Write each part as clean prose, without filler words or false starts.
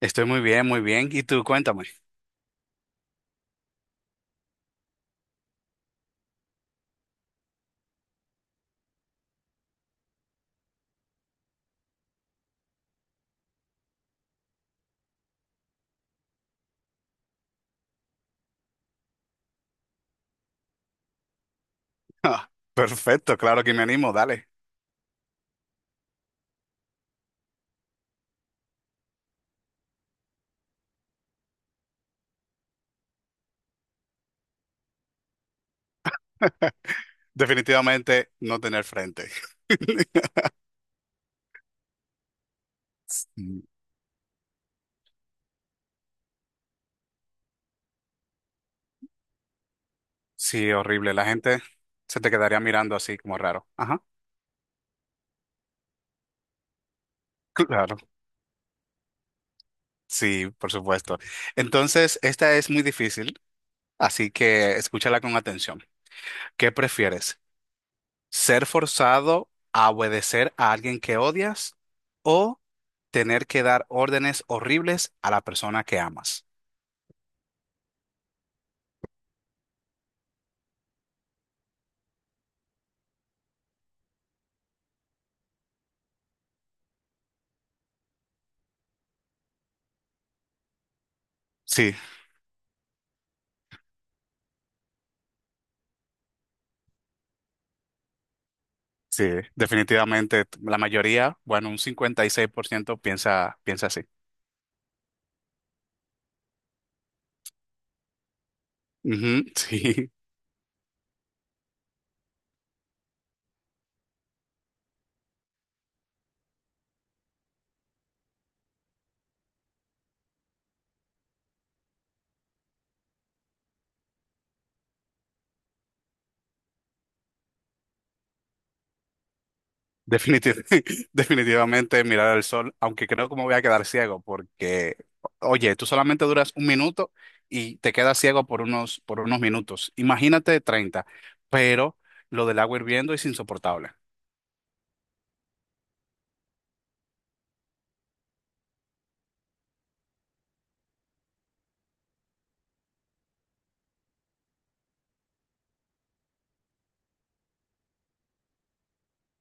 Estoy muy bien, muy bien. ¿Y tú, cuéntame? Ah, perfecto, claro que me animo, dale. Definitivamente no tener frente. Mm. Sí, horrible. La gente se te quedaría mirando así como raro. Ajá, claro. Sí, por supuesto. Entonces, esta es muy difícil, así que escúchala con atención. ¿Qué prefieres? ¿Ser forzado a obedecer a alguien que odias o tener que dar órdenes horribles a la persona que amas? Sí. Sí, definitivamente la mayoría, bueno, un 56% piensa así. Ujú, sí, definitiv- definitivamente mirar al sol, aunque creo que me voy a quedar ciego porque, oye, tú solamente duras un minuto y te quedas ciego por unos minutos. Imagínate 30. Pero lo del agua hirviendo es insoportable.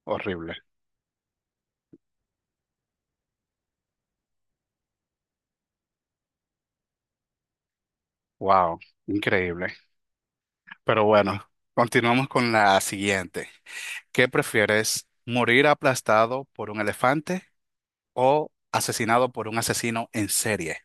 Horrible. Wow, increíble. Pero bueno, continuamos con la siguiente. ¿Qué prefieres? ¿Morir aplastado por un elefante? O asesinado por un asesino en serie?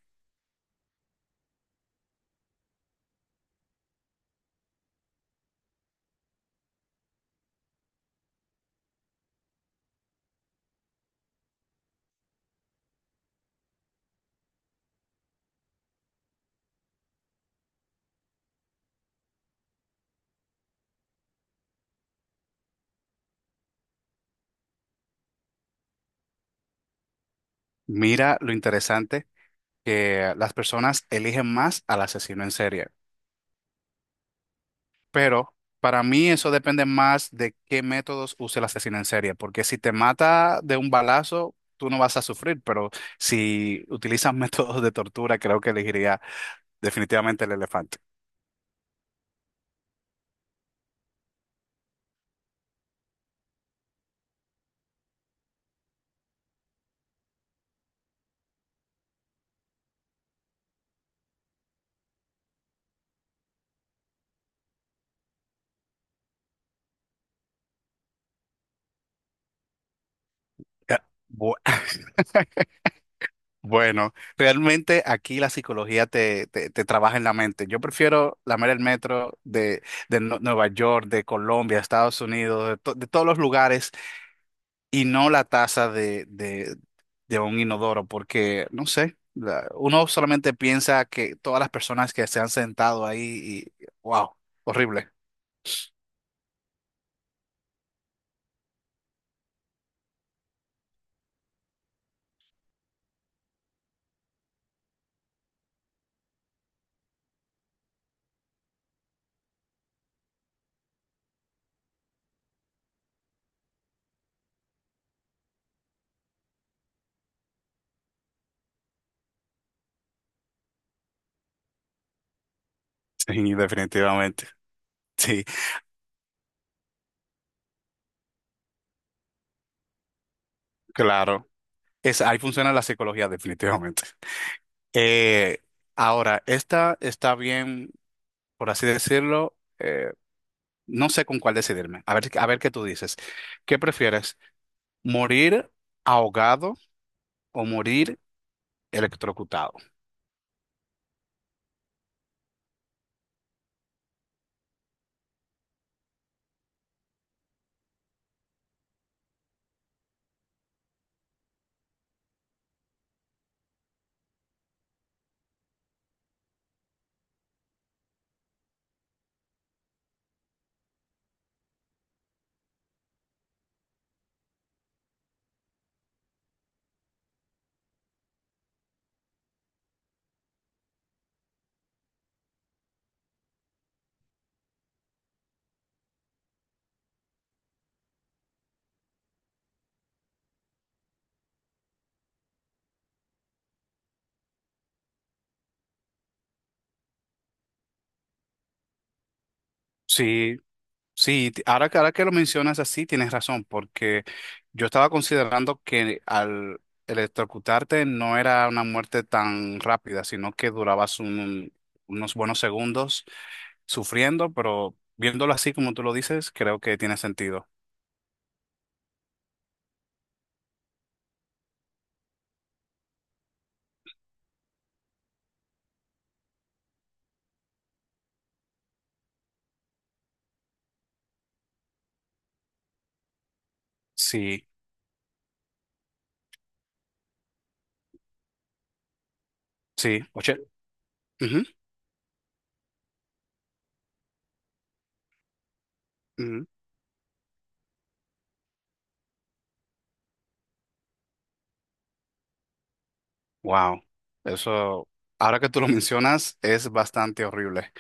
Mira lo interesante que las personas eligen más al asesino en serie, pero para mí eso depende más de qué métodos use el asesino en serie, porque si te mata de un balazo, tú no vas a sufrir, pero si utilizas métodos de tortura, creo que elegiría definitivamente el elefante. Ya, bu- bueno, realmente aquí la psicología te trabaja en la mente. Yo prefiero lamer el metro de Nueva York, de Colombia, Estados Unidos, de de todos los lugares y no la taza de un inodoro, porque no sé, uno solamente piensa que todas las personas que se han sentado ahí y wow, horrible. Sí, definitivamente. Sí, claro. Ahí funciona la psicología, definitivamente. Eh, Ahora, esta está bien, por así decirlo, no sé con cuál decidirme. A ver qué tú dices. ¿Qué prefieres? ¿Morir ahogado o morir electrocutado? Sí, sí, ahora, ahora que lo mencionas así, tienes razón, porque yo estaba considerando que al electrocutarte no era una muerte tan rápida, sino que durabas unos buenos segundos sufriendo, pero viéndolo así como tú lo dices, creo que tiene sentido. Sí, sí, oye. Ujú, ujú. Wow, eso, ahora que tú lo mencionas, es bastante horrible.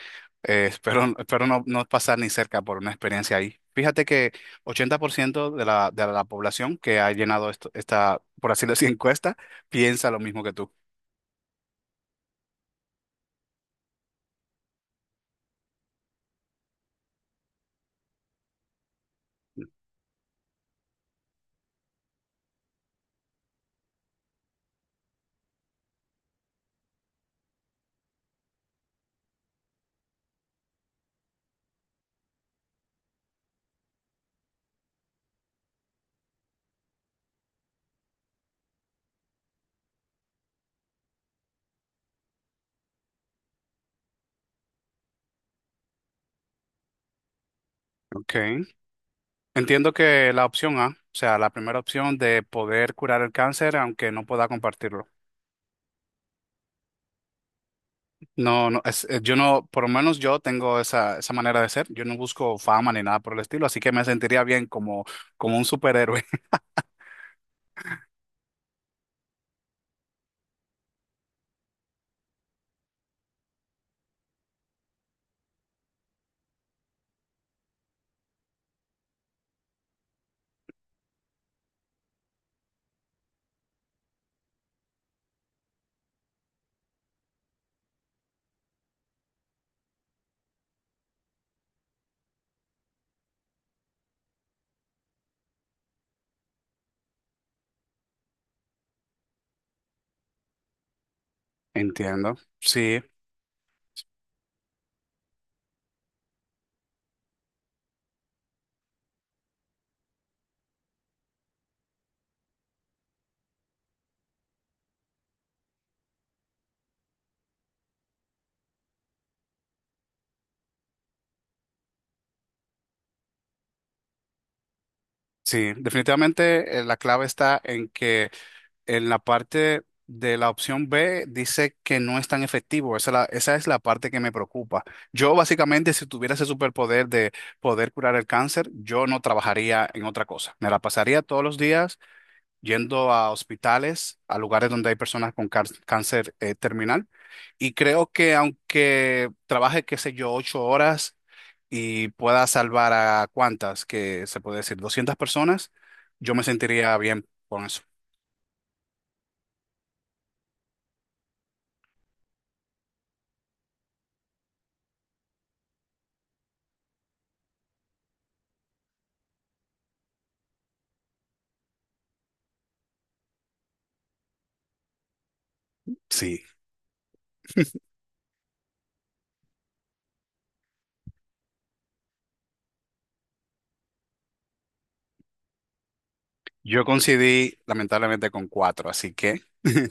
Espero, espero no, no pasar ni cerca por una experiencia ahí. Fíjate que 80% de la población que ha llenado esta, por así decir, encuesta, piensa lo mismo que tú. Okay, entiendo que la opción A, o sea, la primera opción de poder curar el cáncer, aunque no pueda compartirlo. No, no, yo no, por lo menos yo tengo esa manera de ser. Yo no busco fama ni nada por el estilo, así que me sentiría bien como un superhéroe. Entiendo. Sí, sí. Definitivamente la clave está en que en la parte de la opción B dice que no es tan efectivo. Esa es la parte que me preocupa. Yo básicamente, si tuviera ese superpoder de poder curar el cáncer, yo no trabajaría en otra cosa. Me la pasaría todos los días yendo a hospitales, a lugares donde hay personas con cáncer terminal. Y creo que aunque trabaje, qué sé yo, 8 horas y pueda salvar a cuántas, que se puede decir, 200 personas, yo me sentiría bien con eso. Sí, yo coincidí lamentablemente con cuatro, así que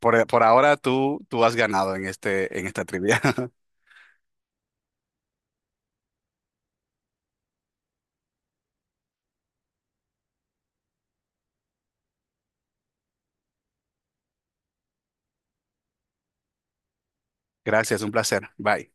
por ahora tú has ganado en esta trivia. Gracias, un placer. Bye.